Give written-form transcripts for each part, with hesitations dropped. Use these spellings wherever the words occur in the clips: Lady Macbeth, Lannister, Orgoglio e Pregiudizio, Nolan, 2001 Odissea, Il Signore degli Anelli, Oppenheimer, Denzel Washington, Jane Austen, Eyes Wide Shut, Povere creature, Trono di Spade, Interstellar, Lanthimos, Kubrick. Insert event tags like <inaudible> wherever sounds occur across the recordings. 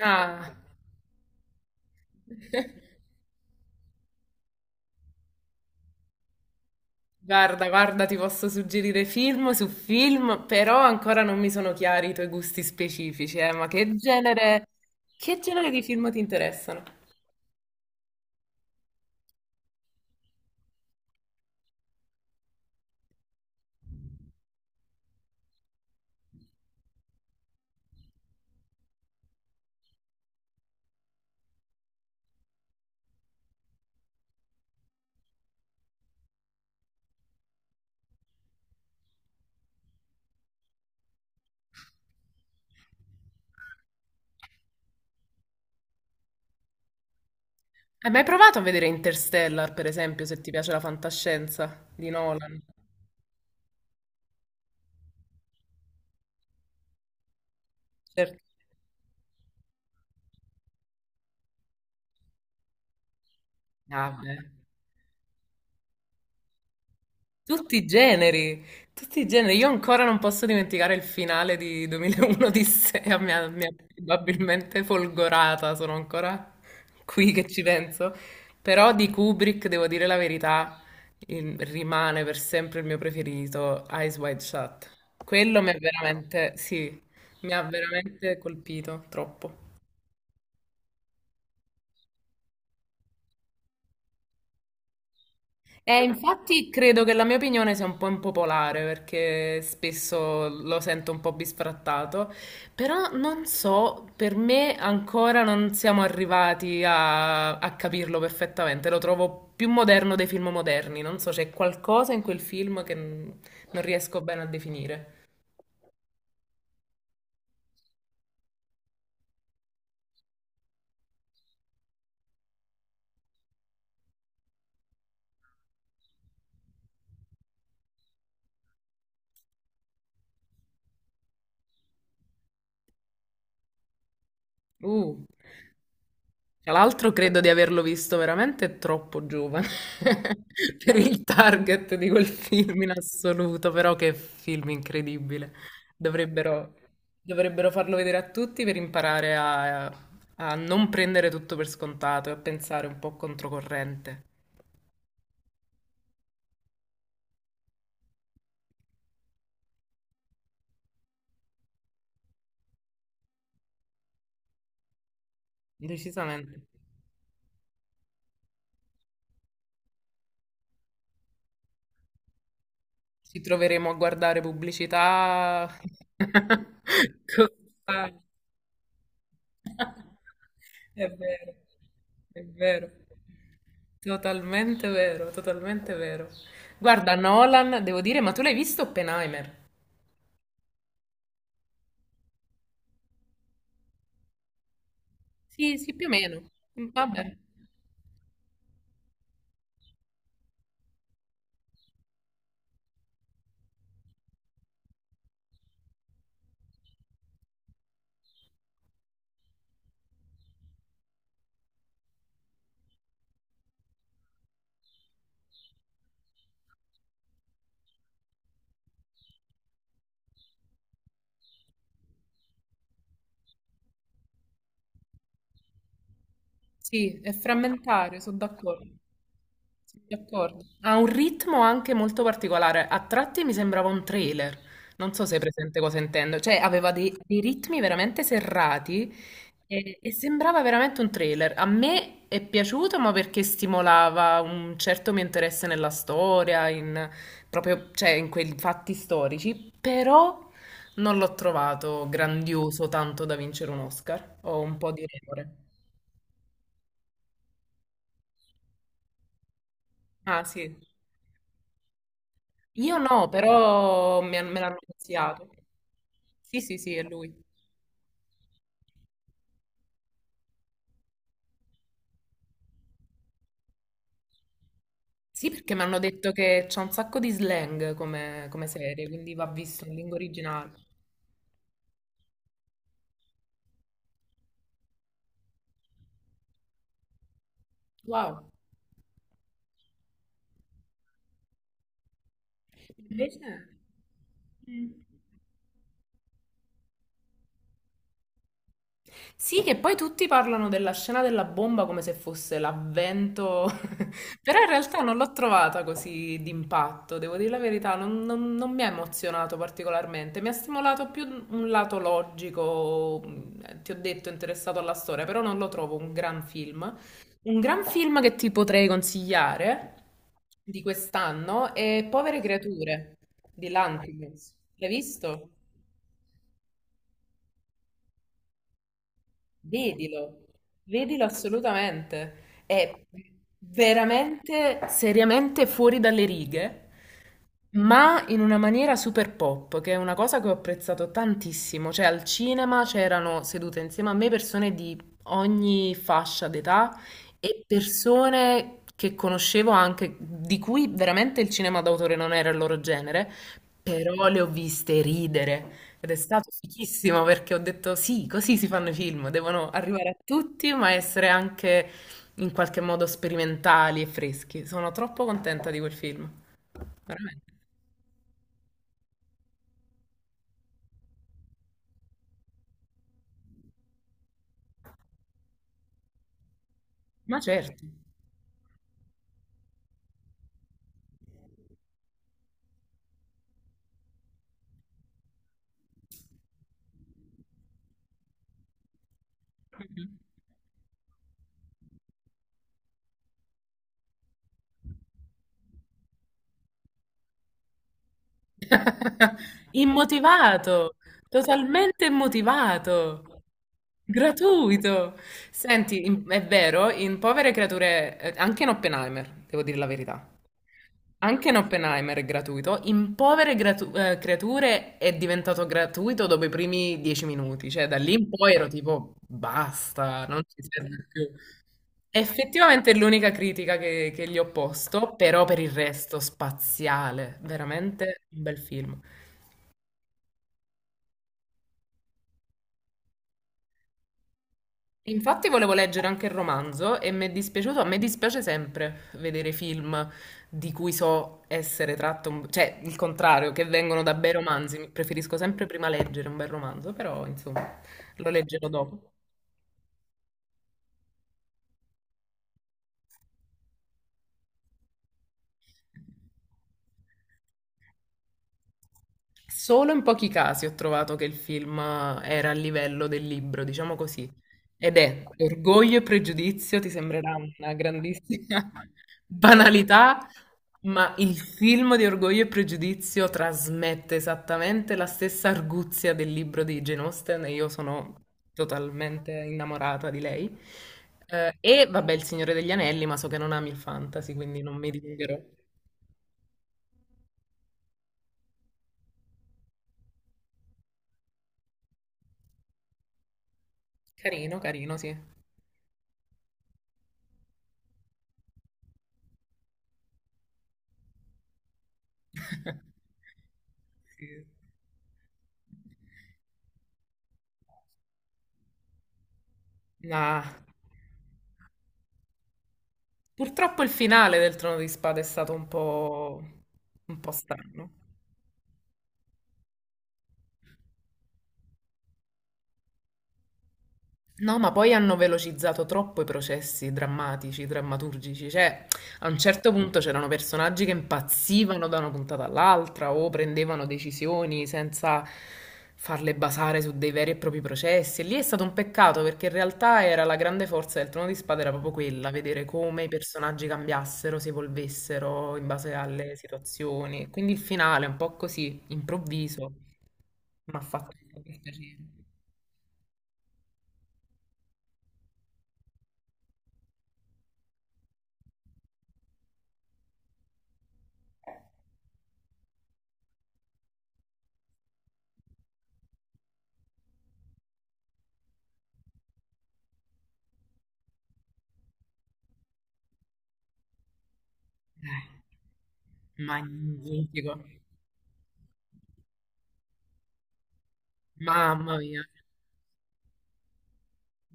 Ah, guarda, guarda, ti posso suggerire film su film, però ancora non mi sono chiari i tuoi gusti specifici, ma che genere di film ti interessano? Hai mai provato a vedere Interstellar, per esempio, se ti piace la fantascienza di Nolan? Certo. Ah, beh. Tutti i generi, tutti i generi. Io ancora non posso dimenticare il finale di 2001 Odissea, mi ha probabilmente folgorata, sono ancora qui che ci penso. Però di Kubrick, devo dire la verità, rimane per sempre il mio preferito, Eyes Wide Shut. Quello mi ha veramente, sì, mi ha veramente colpito troppo. E infatti credo che la mia opinione sia un po' impopolare perché spesso lo sento un po' bisfrattato, però non so, per me ancora non siamo arrivati a capirlo perfettamente, lo trovo più moderno dei film moderni, non so, c'è qualcosa in quel film che non riesco bene a definire. Uh. Tra l'altro credo di averlo visto veramente troppo giovane <laughs> per il target di quel film in assoluto, però che film incredibile. Dovrebbero, dovrebbero farlo vedere a tutti per imparare a, a non prendere tutto per scontato e a pensare un po' controcorrente. Decisamente. Ci troveremo a guardare pubblicità. <laughs> Costante. È vero, è vero. Totalmente vero, totalmente vero. Guarda, Nolan, devo dire, ma tu l'hai visto Oppenheimer? Sì, sì, più o meno. Mm, vabbè, sì, è frammentario, sono d'accordo. D'accordo. Ha un ritmo anche molto particolare. A tratti mi sembrava un trailer. Non so se hai presente cosa intendo. Cioè, aveva dei ritmi veramente serrati e sembrava veramente un trailer. A me è piaciuto, ma perché stimolava un certo mio interesse nella storia, in, proprio, cioè, in quei fatti storici, però non l'ho trovato grandioso tanto da vincere un Oscar. Ho un po' di remore. Ah, sì. Io no, però me l'hanno consigliato. Sì, sì, sì, è lui. Sì, perché mi hanno detto che c'è un sacco di slang come, come serie, quindi va visto in lingua originale. Wow. Invece... Mm. Sì, che poi tutti parlano della scena della bomba come se fosse l'avvento. Però in realtà non l'ho trovata così d'impatto, devo dire la verità, non mi ha emozionato particolarmente, mi ha stimolato più un lato logico, ti ho detto, interessato alla storia, però non lo trovo un gran film. Un gran film che ti potrei consigliare di quest'anno è Povere Creature di Lanthimos. L'hai visto? Vedilo, vedilo assolutamente. È veramente, seriamente fuori dalle righe. Ma in una maniera super pop, che è una cosa che ho apprezzato tantissimo. Cioè, al cinema c'erano sedute insieme a me persone di ogni fascia d'età e persone che conoscevo anche, di cui veramente il cinema d'autore non era il loro genere, però le ho viste ridere. Ed è stato fichissimo perché ho detto sì, così si fanno i film, devono arrivare a tutti, ma essere anche in qualche modo sperimentali e freschi. Sono troppo contenta di quel film, veramente. Ma certo, immotivato, totalmente immotivato, gratuito. Senti, è vero, in Povere Creature, anche in Oppenheimer, devo dire la verità, anche in Oppenheimer è gratuito, in Creature è diventato gratuito dopo i primi dieci minuti, cioè da lì in poi ero tipo, basta, non ci serve più. Effettivamente è l'unica critica che gli ho posto, però per il resto spaziale, veramente un bel film. Infatti volevo leggere anche il romanzo e mi è dispiaciuto, a me dispiace sempre vedere film di cui so essere tratto, cioè il contrario, che vengono da bei romanzi, preferisco sempre prima leggere un bel romanzo, però insomma lo leggerò dopo. Solo in pochi casi ho trovato che il film era a livello del libro, diciamo così. Ed è Orgoglio e Pregiudizio, ti sembrerà una grandissima <laughs> banalità, ma il film di Orgoglio e Pregiudizio trasmette esattamente la stessa arguzia del libro di Jane Austen e io sono totalmente innamorata di lei. E vabbè, Il Signore degli Anelli, ma so che non ami il fantasy, quindi non mi dilungherò. Carino, carino, sì. <laughs> Sì. Ma purtroppo il finale del Trono di Spade è stato un po' strano. No, ma poi hanno velocizzato troppo i processi drammatici, drammaturgici, cioè a un certo punto c'erano personaggi che impazzivano da una puntata all'altra o prendevano decisioni senza farle basare su dei veri e propri processi. E lì è stato un peccato perché in realtà era la grande forza del Trono di Spada, era proprio quella, vedere come i personaggi cambiassero, si evolvessero in base alle situazioni. Quindi il finale è un po' così, improvviso, mi ha fatto un po' dispiacere. Eh. Magnifico, mamma mia,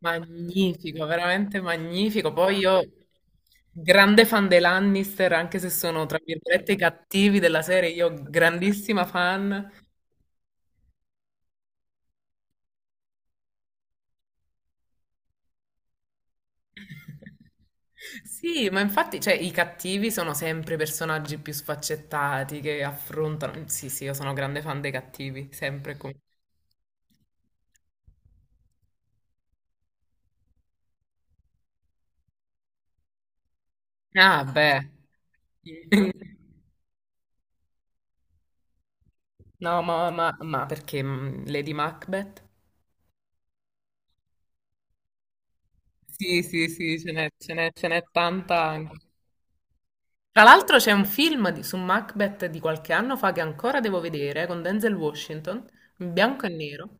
magnifico, veramente magnifico. Poi io, grande fan dei Lannister, anche se sono tra virgolette i cattivi della serie, io grandissima fan. <laughs> Sì, ma infatti, cioè, i cattivi sono sempre i personaggi più sfaccettati che affrontano. Sì, sì, io sono grande fan dei cattivi, sempre e comunque. Ah, beh. <laughs> No, perché mm, Lady Macbeth? Sì, sì, sì, ce n'è tanta anche. Tra l'altro c'è un film su Macbeth di qualche anno fa che ancora devo vedere, con Denzel Washington, in bianco e nero.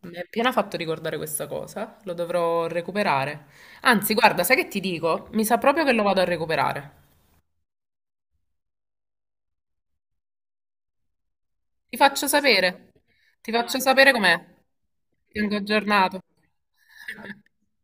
Mi ha appena fatto ricordare questa cosa, lo dovrò recuperare. Anzi, guarda, sai che ti dico? Mi sa proprio che lo vado a recuperare. Ti faccio sapere, ti faccio sapere com'è. Ti tengo aggiornato. <laughs>